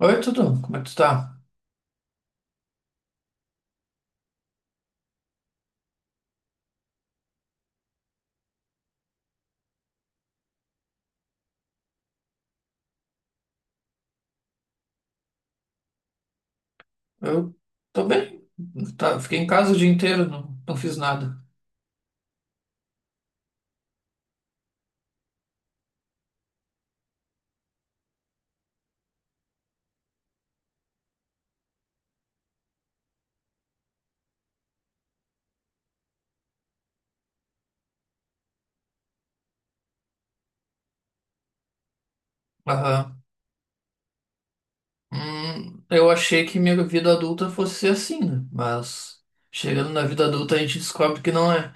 Oi, tudo? Como é que tu tá? Eu tô bem. Tá, fiquei em casa o dia inteiro, não fiz nada. Aham. Eu achei que minha vida adulta fosse ser assim, né? Mas chegando na vida adulta a gente descobre que não é.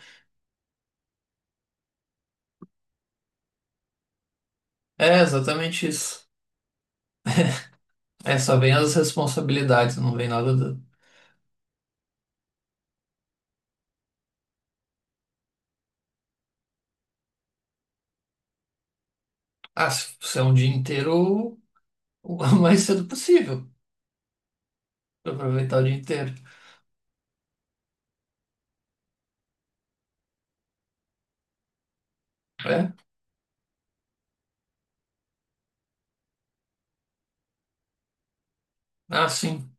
É exatamente isso. É, só vem as responsabilidades, não vem nada do... Ah, se é um dia inteiro, o mais cedo possível. Pra aproveitar o dia inteiro. É? Ah, sim.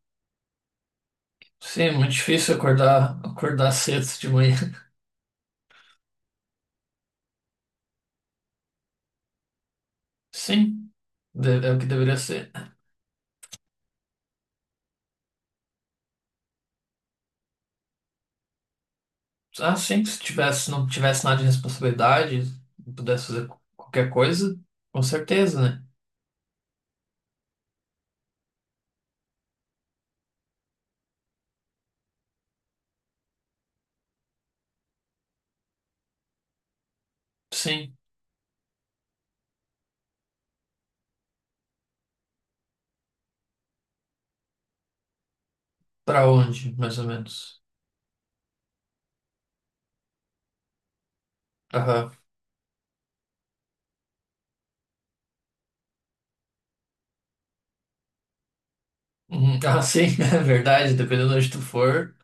Sim, é muito difícil acordar cedo de manhã. Sim, é o que deveria ser. Ah, sim, se tivesse, não tivesse nada de responsabilidade, pudesse fazer qualquer coisa, com certeza, né? Sim, pra onde, mais ou menos? Aham. Uhum. Ah, sim, é verdade, dependendo de onde tu for,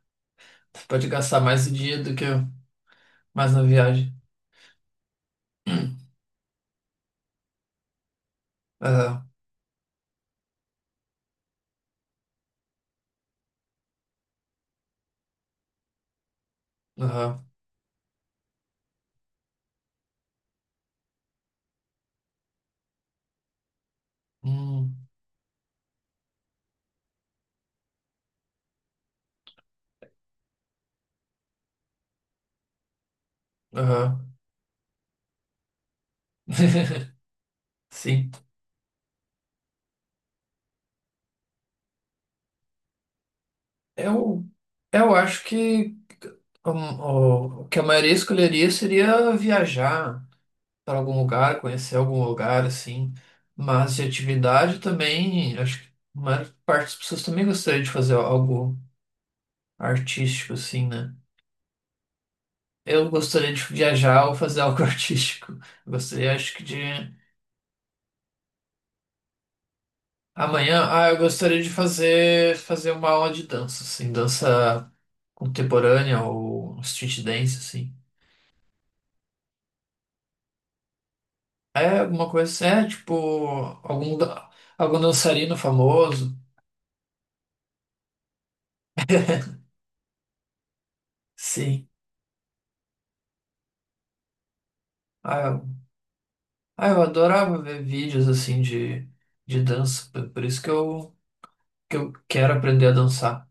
tu pode gastar mais o dia do que mais na viagem. Aham, aham, hum, aham. Sim. Eu, eu acho que um, o que a maioria escolheria seria viajar. Para algum lugar, conhecer algum lugar, assim. Mas de atividade também, acho que a maior parte das pessoas também gostaria de fazer algo artístico, assim, né? Eu gostaria de viajar ou fazer algo artístico. Eu gostaria, acho que de. Amanhã, ah, eu gostaria de fazer uma aula de dança, assim, dança contemporânea ou street dance, assim. É alguma coisa assim, é tipo algum, da- algum dançarino famoso. Sim. ah Ah, eu adorava ver vídeos assim de dança, por isso que eu quero aprender a dançar.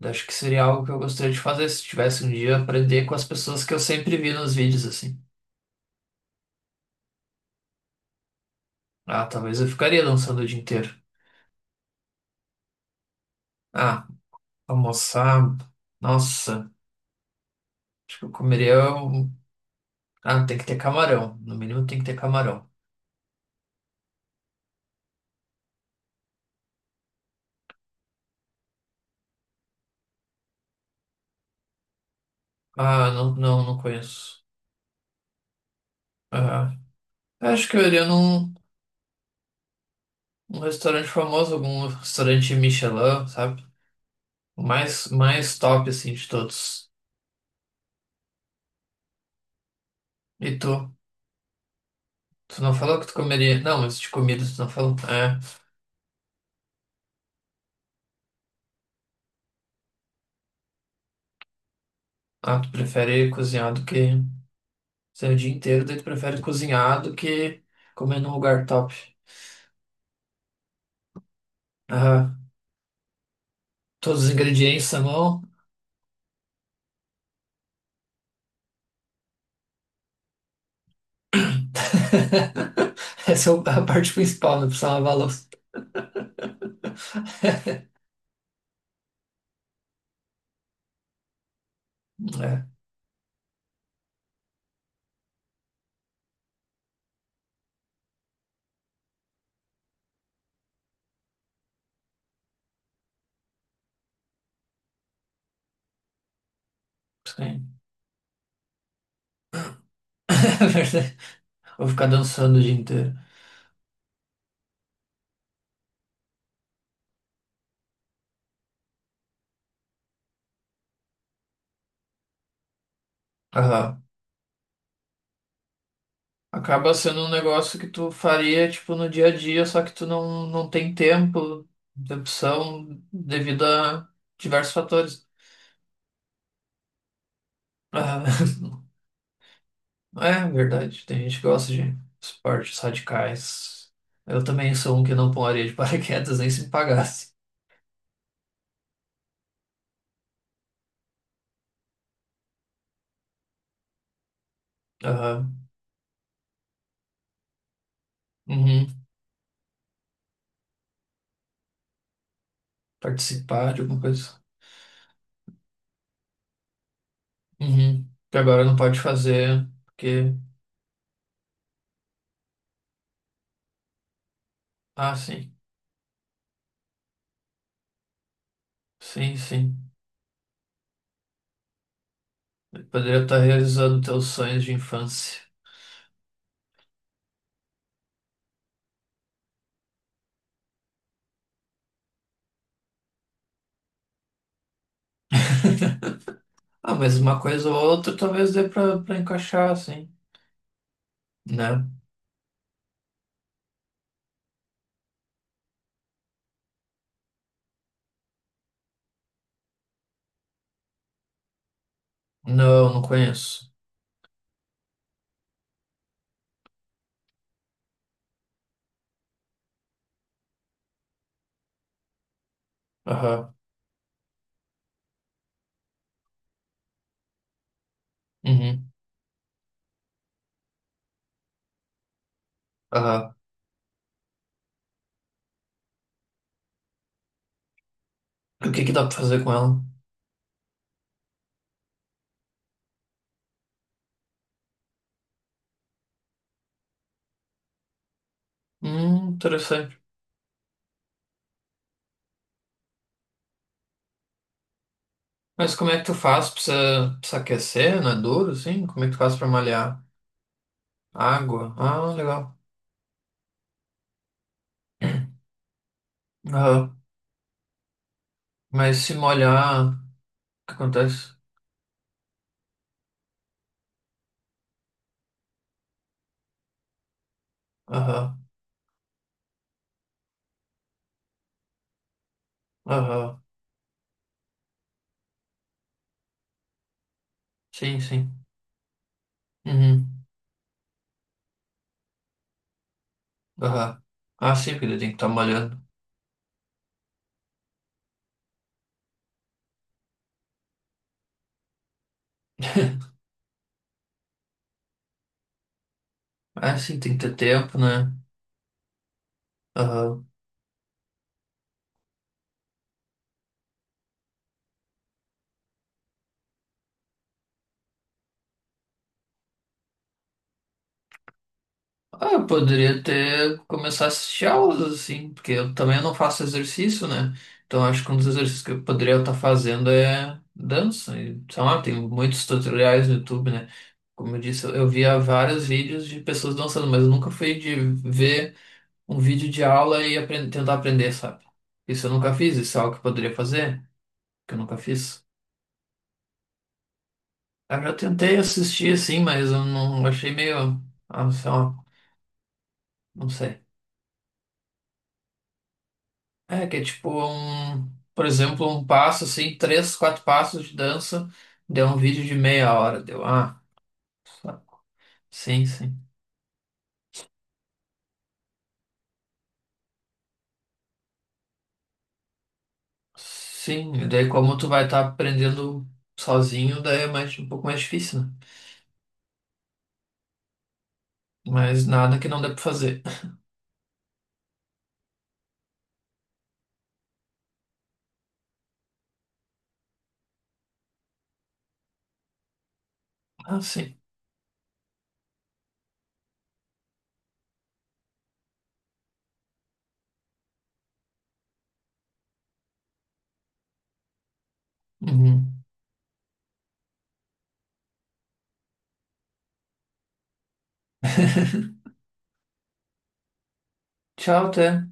Eu acho que seria algo que eu gostaria de fazer se tivesse um dia aprender com as pessoas que eu sempre vi nos vídeos assim. Ah, talvez eu ficaria dançando o dia inteiro. Ah, almoçar, nossa, acho que eu comeria um... Ah, tem que ter camarão, no mínimo tem que ter camarão. Ah, não conheço. Ah, acho que eu iria num restaurante famoso, algum restaurante Michelin, sabe? O mais, mais top, assim, de todos. E tu? Tu não falou que tu comeria. Não, mas de comida tu não falou. É. Ah, tu prefere cozinhar do que. Você é o dia inteiro, daí tu prefere cozinhar do que comer num lugar top. Aham. Todos os ingredientes à mão. Essa é a parte principal, não precisa lavar a louça. É, sim. É verdade. Vou ficar dançando o dia inteiro. Aham. Acaba sendo um negócio que tu faria, tipo, no dia a dia, só que tu não tem tempo, de opção, devido a diversos fatores. Ah, é verdade, tem gente que gosta de esportes radicais. Eu também sou um que não pularia de paraquedas nem se me pagasse. Aham, uhum. Participar de alguma coisa. Uhum. Que agora não pode fazer, porque... Ah, sim. Poderia estar realizando teus sonhos de infância. Ah, mas uma coisa ou outra talvez dê pra encaixar, assim, né? Não, não conheço. Aham. Uhum. Aham. E o que que dá pra fazer com ela? Interessante. Mas como é que tu faz? Precisa aquecer, não é duro, assim? Como é que tu faz pra malhar? Água? Ah, legal. Aham. Mas se molhar, o que acontece? Aham. Aham. Sim, sim. Uhum. Aham. Ah, sim, porque daí tem que estar molhando. Ah, sim, tem que ter tempo, né? Aham. Ah, eu poderia ter começar a assistir aulas, assim, porque eu também não faço exercício, né? Então acho que um dos exercícios que eu poderia estar fazendo é dança. E, sei lá, tem muitos tutoriais no YouTube, né? Como eu disse, eu via vários vídeos de pessoas dançando, mas eu nunca fui de ver um vídeo de aula e tentar aprender, sabe? Isso eu nunca fiz, isso é algo que eu poderia fazer, que eu nunca fiz. Eu já tentei assistir, assim, mas eu não achei meio. Ah, sei lá, não sei. É, que é tipo um, por exemplo, um passo assim, três, quatro passos de dança, deu um vídeo de meia hora, deu, ah, sim. Sim, e daí como tu vai estar aprendendo sozinho, daí é mais, um pouco mais difícil, né? Mas nada que não dê pra fazer. Ah, sim. Uhum. Tchau, até.